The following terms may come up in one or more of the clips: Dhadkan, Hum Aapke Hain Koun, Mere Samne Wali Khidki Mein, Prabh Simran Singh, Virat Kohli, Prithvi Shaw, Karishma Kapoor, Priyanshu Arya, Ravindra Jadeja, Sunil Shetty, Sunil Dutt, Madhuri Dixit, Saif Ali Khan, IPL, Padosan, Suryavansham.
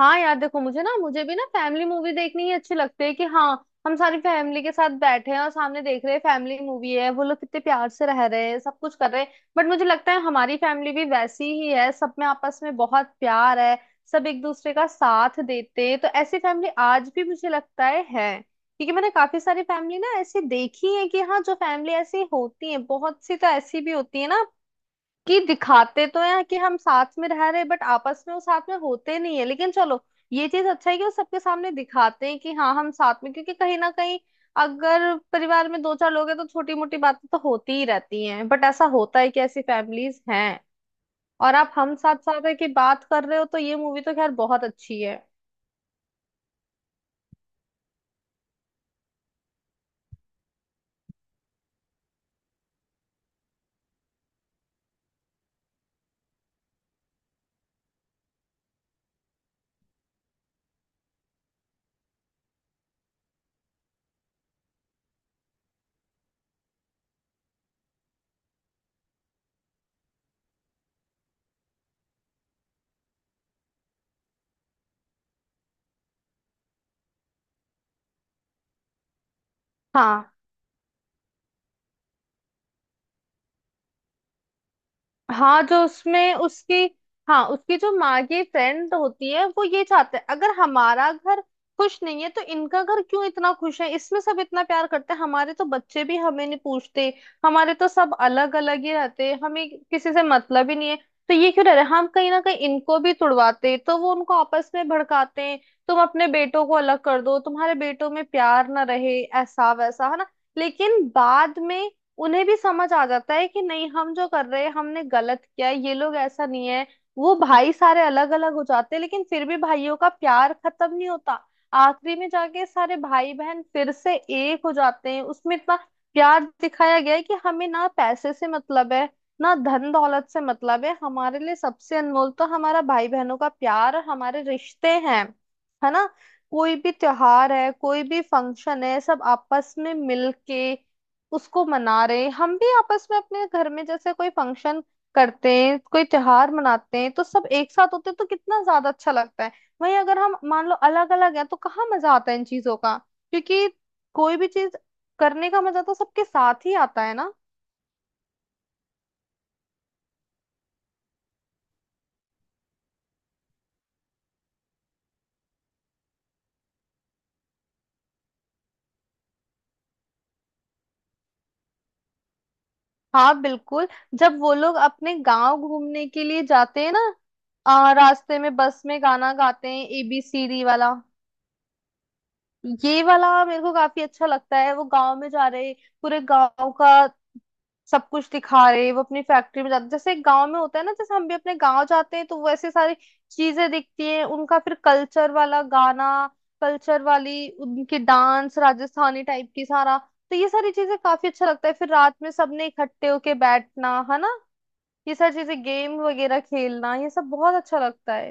हाँ यार, देखो मुझे ना मुझे भी ना फैमिली मूवी देखनी ही अच्छी लगती है। कि हाँ हम सारी फैमिली के साथ बैठे हैं और सामने देख रहे हैं फैमिली मूवी है, वो लोग कितने प्यार से रह रहे हैं, सब कुछ कर रहे हैं। बट मुझे लगता है हमारी फैमिली भी वैसी ही है, सब में आपस में बहुत प्यार है। सब एक दूसरे का साथ देते हैं, तो ऐसी फैमिली आज भी मुझे लगता है है। क्योंकि मैंने काफी सारी फैमिली ना ऐसी देखी है कि हाँ जो फैमिली ऐसी होती है, बहुत सी तो ऐसी भी होती है ना, कि दिखाते तो हैं कि हम साथ में रह रहे हैं बट आपस में वो साथ में होते नहीं है। लेकिन चलो, ये चीज अच्छा है कि वो सबके सामने दिखाते हैं कि हाँ हम साथ में। क्योंकि कहीं ना कहीं अगर परिवार में दो चार लोग हैं तो छोटी मोटी बातें तो होती ही रहती हैं, बट ऐसा होता है कि ऐसी फैमिलीज हैं। और आप हम साथ साथ है कि बात कर रहे हो, तो ये मूवी तो खैर बहुत अच्छी है। हाँ, हाँ, जो उसमें उसकी, हाँ उसकी जो माँ की फ्रेंड होती है, वो ये चाहते हैं अगर हमारा घर खुश नहीं है तो इनका घर क्यों इतना खुश है। इसमें सब इतना प्यार करते हैं, हमारे तो बच्चे भी हमें नहीं पूछते, हमारे तो सब अलग अलग ही रहते हैं, हमें किसी से मतलब ही नहीं है। तो ये क्यों रह रहे हैं? हम कहीं ना कहीं इनको भी तुड़वाते हैं। तो वो उनको आपस में भड़काते हैं, तुम अपने बेटों को अलग कर दो, तुम्हारे बेटों में प्यार ना रहे, ऐसा वैसा, है ना। लेकिन बाद में उन्हें भी समझ आ जाता है कि नहीं, हम जो कर रहे हैं हमने गलत किया है, ये लोग ऐसा नहीं है। वो भाई सारे अलग अलग हो जाते हैं, लेकिन फिर भी भाइयों का प्यार खत्म नहीं होता। आखिरी में जाके सारे भाई बहन फिर से एक हो जाते हैं। उसमें इतना प्यार दिखाया गया है कि हमें ना पैसे से मतलब है ना धन दौलत से मतलब है, हमारे लिए सबसे अनमोल तो हमारा भाई बहनों का प्यार और हमारे रिश्ते हैं। है ना। कोई भी त्योहार है, कोई भी फंक्शन है, सब आपस में मिलके उसको मना रहे हैं। हम भी आपस में अपने घर में जैसे कोई फंक्शन करते हैं, कोई त्योहार मनाते हैं, तो सब एक साथ होते हैं, तो कितना ज्यादा अच्छा लगता है। वहीं अगर हम मान लो अलग अलग हैं तो कहाँ मजा आता है इन चीजों का, क्योंकि कोई भी चीज करने का मजा तो सबके साथ ही आता है ना। हाँ बिल्कुल। जब वो लोग अपने गांव घूमने के लिए जाते हैं ना, रास्ते में बस में गाना गाते हैं एबीसीडी वाला, ये वाला मेरे को काफी अच्छा लगता है। वो गांव में जा रहे, पूरे गांव का सब कुछ दिखा रहे, वो अपनी फैक्ट्री में जाते, जैसे गांव में होता है ना, जैसे हम भी अपने गांव जाते हैं तो वैसे सारी चीजें दिखती हैं। उनका फिर कल्चर वाला गाना, कल्चर वाली उनके डांस, राजस्थानी टाइप की सारा, तो ये सारी चीजें काफी अच्छा लगता है। फिर रात में सबने इकट्ठे होके बैठना है ना, ये सारी चीजें गेम वगैरह खेलना, ये सब बहुत अच्छा लगता है।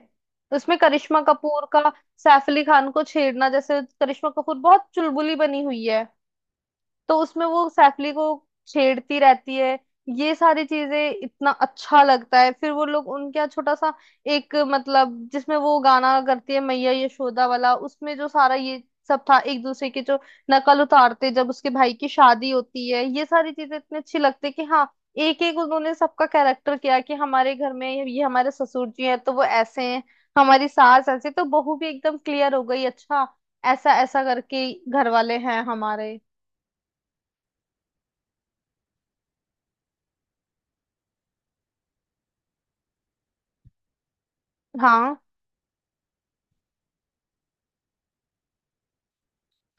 उसमें करिश्मा कपूर का सैफ अली खान को छेड़ना, जैसे करिश्मा कपूर बहुत चुलबुली बनी हुई है, तो उसमें वो सैफली को छेड़ती रहती है। ये सारी चीजें इतना अच्छा लगता है। फिर वो लोग उनके यहाँ छोटा सा एक मतलब जिसमें वो गाना करती है मैया यशोदा वाला, उसमें जो सारा ये सब था, एक दूसरे की जो नकल उतारते जब उसके भाई की शादी होती है, ये सारी चीजें इतनी अच्छी लगती है कि हाँ, एक एक उन्होंने सबका कैरेक्टर किया कि हमारे घर में ये हमारे ससुर जी हैं तो वो ऐसे हैं, हमारी सास ऐसे, तो बहू भी एकदम क्लियर हो गई, अच्छा ऐसा ऐसा करके घर वाले हैं हमारे। हाँ,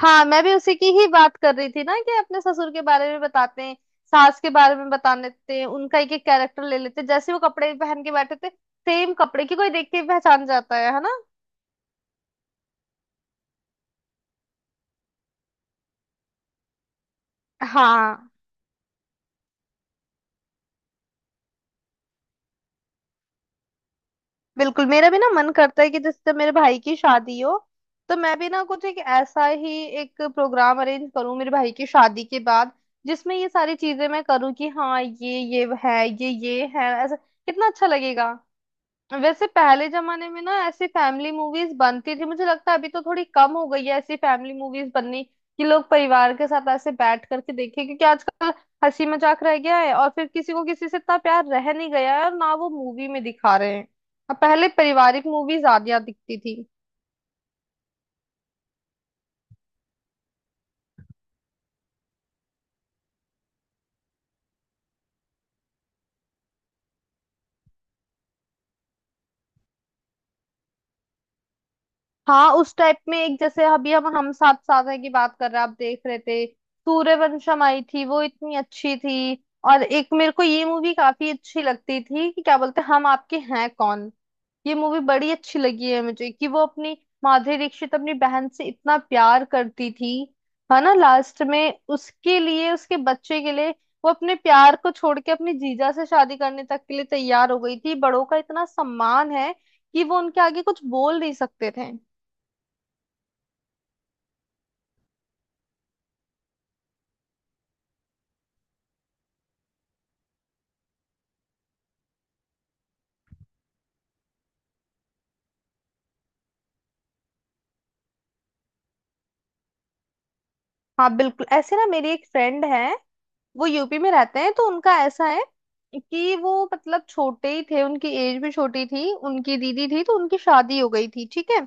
हाँ, मैं भी उसी की ही बात कर रही थी ना, कि अपने ससुर के बारे में बताते हैं, सास के बारे में बता देते हैं, उनका एक एक कैरेक्टर ले लेते हैं, जैसे वो कपड़े पहन के बैठे थे सेम कपड़े की, कोई देख के ही पहचान जाता है ना। हाँ बिल्कुल, मेरा भी ना मन करता है कि जैसे मेरे भाई की शादी हो, तो मैं भी ना कुछ एक ऐसा ही एक प्रोग्राम अरेंज करूँ मेरे भाई की शादी के बाद, जिसमें ये सारी चीजें मैं करूँ कि हाँ ये है, ये है, ऐसा कितना अच्छा लगेगा। वैसे पहले जमाने में ना ऐसी फैमिली मूवीज बनती थी, मुझे लगता है अभी तो थोड़ी कम हो गई है ऐसी फैमिली मूवीज बननी, कि लोग परिवार के साथ ऐसे बैठ करके देखें। क्योंकि आजकल हंसी मजाक रह गया है और फिर किसी को किसी से इतना प्यार रह नहीं गया है और ना वो मूवी में दिखा रहे हैं। अब पहले पारिवारिक मूवी ज्यादा दिखती थी। हाँ, उस टाइप में एक जैसे अभी हम साथ साथ है की बात कर रहे हैं, आप देख रहे थे, सूर्यवंशम आई थी, वो इतनी अच्छी थी। और एक मेरे को ये मूवी काफी अच्छी लगती थी कि क्या बोलते हैं, हम आपके हैं कौन। ये मूवी बड़ी अच्छी लगी है मुझे, कि वो अपनी माधुरी दीक्षित अपनी बहन से इतना प्यार करती थी, है ना। लास्ट में उसके लिए, उसके बच्चे के लिए वो अपने प्यार को छोड़ के अपने जीजा से शादी करने तक के लिए तैयार हो गई थी। बड़ों का इतना सम्मान है कि वो उनके आगे कुछ बोल नहीं सकते थे। हाँ बिल्कुल। ऐसे ना मेरी एक फ्रेंड है, वो यूपी में रहते हैं, तो उनका ऐसा है कि वो मतलब छोटे ही थे, उनकी एज भी छोटी थी, उनकी दीदी थी तो उनकी शादी हो गई थी, ठीक है।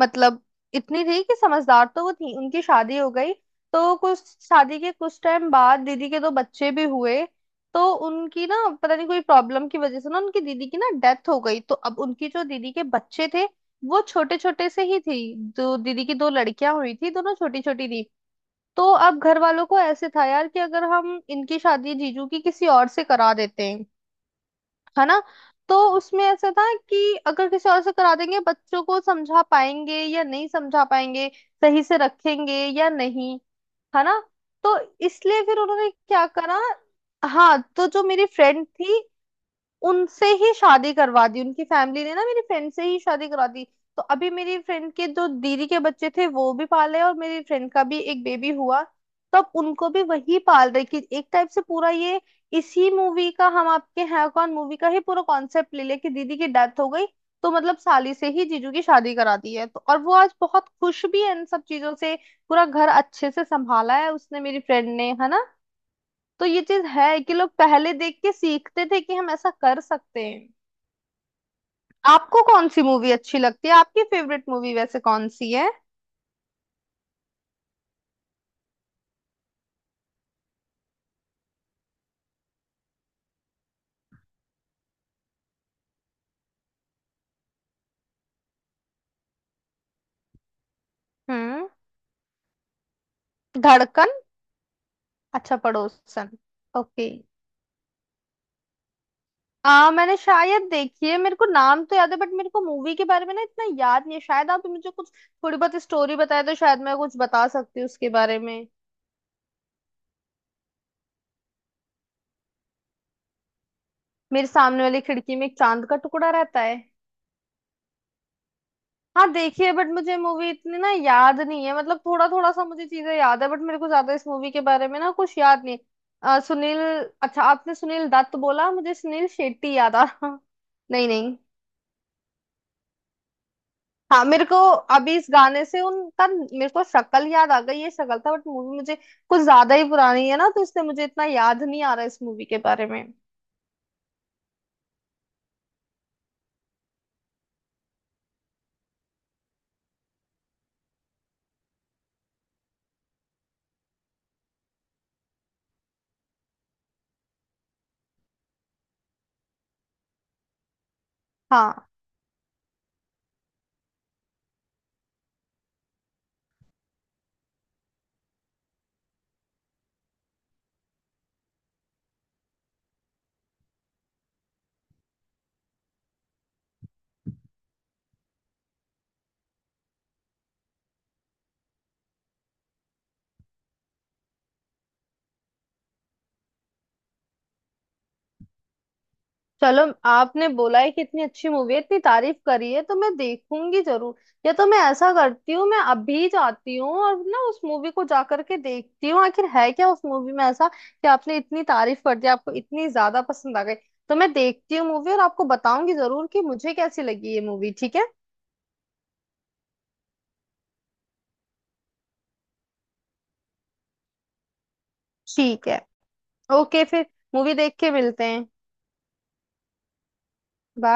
मतलब इतनी थी कि समझदार तो वो थी, उनकी शादी हो गई। तो कुछ शादी के कुछ टाइम बाद दीदी के दो बच्चे भी हुए। तो उनकी ना पता नहीं कोई प्रॉब्लम की वजह से ना उनकी दीदी की ना डेथ हो गई। तो अब उनकी जो दीदी के बच्चे थे वो छोटे छोटे से ही थी, जो दीदी की दो लड़कियां हुई थी दोनों छोटी छोटी थी। तो अब घर वालों को ऐसे था यार कि अगर हम इनकी शादी जीजू की किसी और से करा देते हैं, है ना, तो उसमें ऐसा था कि अगर किसी और से करा देंगे, बच्चों को समझा पाएंगे या नहीं समझा पाएंगे, सही से रखेंगे या नहीं, है ना। तो इसलिए फिर उन्होंने क्या करा, हाँ, तो जो मेरी फ्रेंड थी उनसे ही शादी करवा दी, उनकी फैमिली ने ना मेरी फ्रेंड से ही शादी करा दी। तो अभी मेरी फ्रेंड के जो दीदी के बच्चे थे वो भी पाले, और मेरी फ्रेंड का भी एक बेबी हुआ, तो अब उनको भी वही पाल रही, कि एक टाइप से पूरा ये इसी मूवी का, हम आपके हैं कौन मूवी का ही पूरा कॉन्सेप्ट ले ले कि दीदी की डेथ हो गई, तो मतलब साली से ही जीजू की शादी करा दी है। तो और वो आज बहुत खुश भी है इन सब चीजों से, पूरा घर अच्छे से संभाला है उसने, मेरी फ्रेंड ने, है ना। तो ये चीज है कि लोग पहले देख के सीखते थे कि हम ऐसा कर सकते हैं। आपको कौन सी मूवी अच्छी लगती है, आपकी फेवरेट मूवी वैसे कौन सी है? हम्म, धड़कन, अच्छा पड़ोसन, ओके। आ, मैंने शायद देखी है, मेरे को नाम तो याद है बट मेरे को मूवी के बारे में ना इतना याद नहीं है। शायद आप मुझे कुछ थोड़ी बहुत स्टोरी बताए तो शायद मैं कुछ बता सकती हूँ उसके बारे में। मेरे सामने वाली खिड़की में एक चांद का टुकड़ा रहता है। हाँ देखी है, बट मुझे मूवी इतनी ना याद नहीं है, मतलब थोड़ा थोड़ा सा मुझे चीजें याद है, बट मेरे को ज्यादा इस मूवी के बारे में ना कुछ याद नहीं है। सुनील, अच्छा आपने सुनील दत्त बोला, मुझे सुनील शेट्टी याद आ रहा। नहीं नहीं, हाँ मेरे को अभी इस गाने से उनका मेरे को शक्ल याद आ गई, ये शक्ल था, बट मूवी मुझे कुछ ज्यादा ही पुरानी है ना तो इसलिए मुझे इतना याद नहीं आ रहा इस मूवी के बारे में। हाँ चलो, आपने बोला है कि इतनी अच्छी मूवी है, इतनी तारीफ करी है, तो मैं देखूंगी जरूर। या तो मैं ऐसा करती हूँ, मैं अभी जाती हूँ और ना उस मूवी को जा करके देखती हूँ, आखिर है क्या उस मूवी में ऐसा कि आपने इतनी तारीफ कर दी, आपको इतनी ज्यादा पसंद आ गई। तो मैं देखती हूँ मूवी और आपको बताऊंगी जरूर कि मुझे कैसी लगी ये मूवी, ठीक है। ठीक है, ओके। फिर मूवी देख के मिलते हैं। Bye.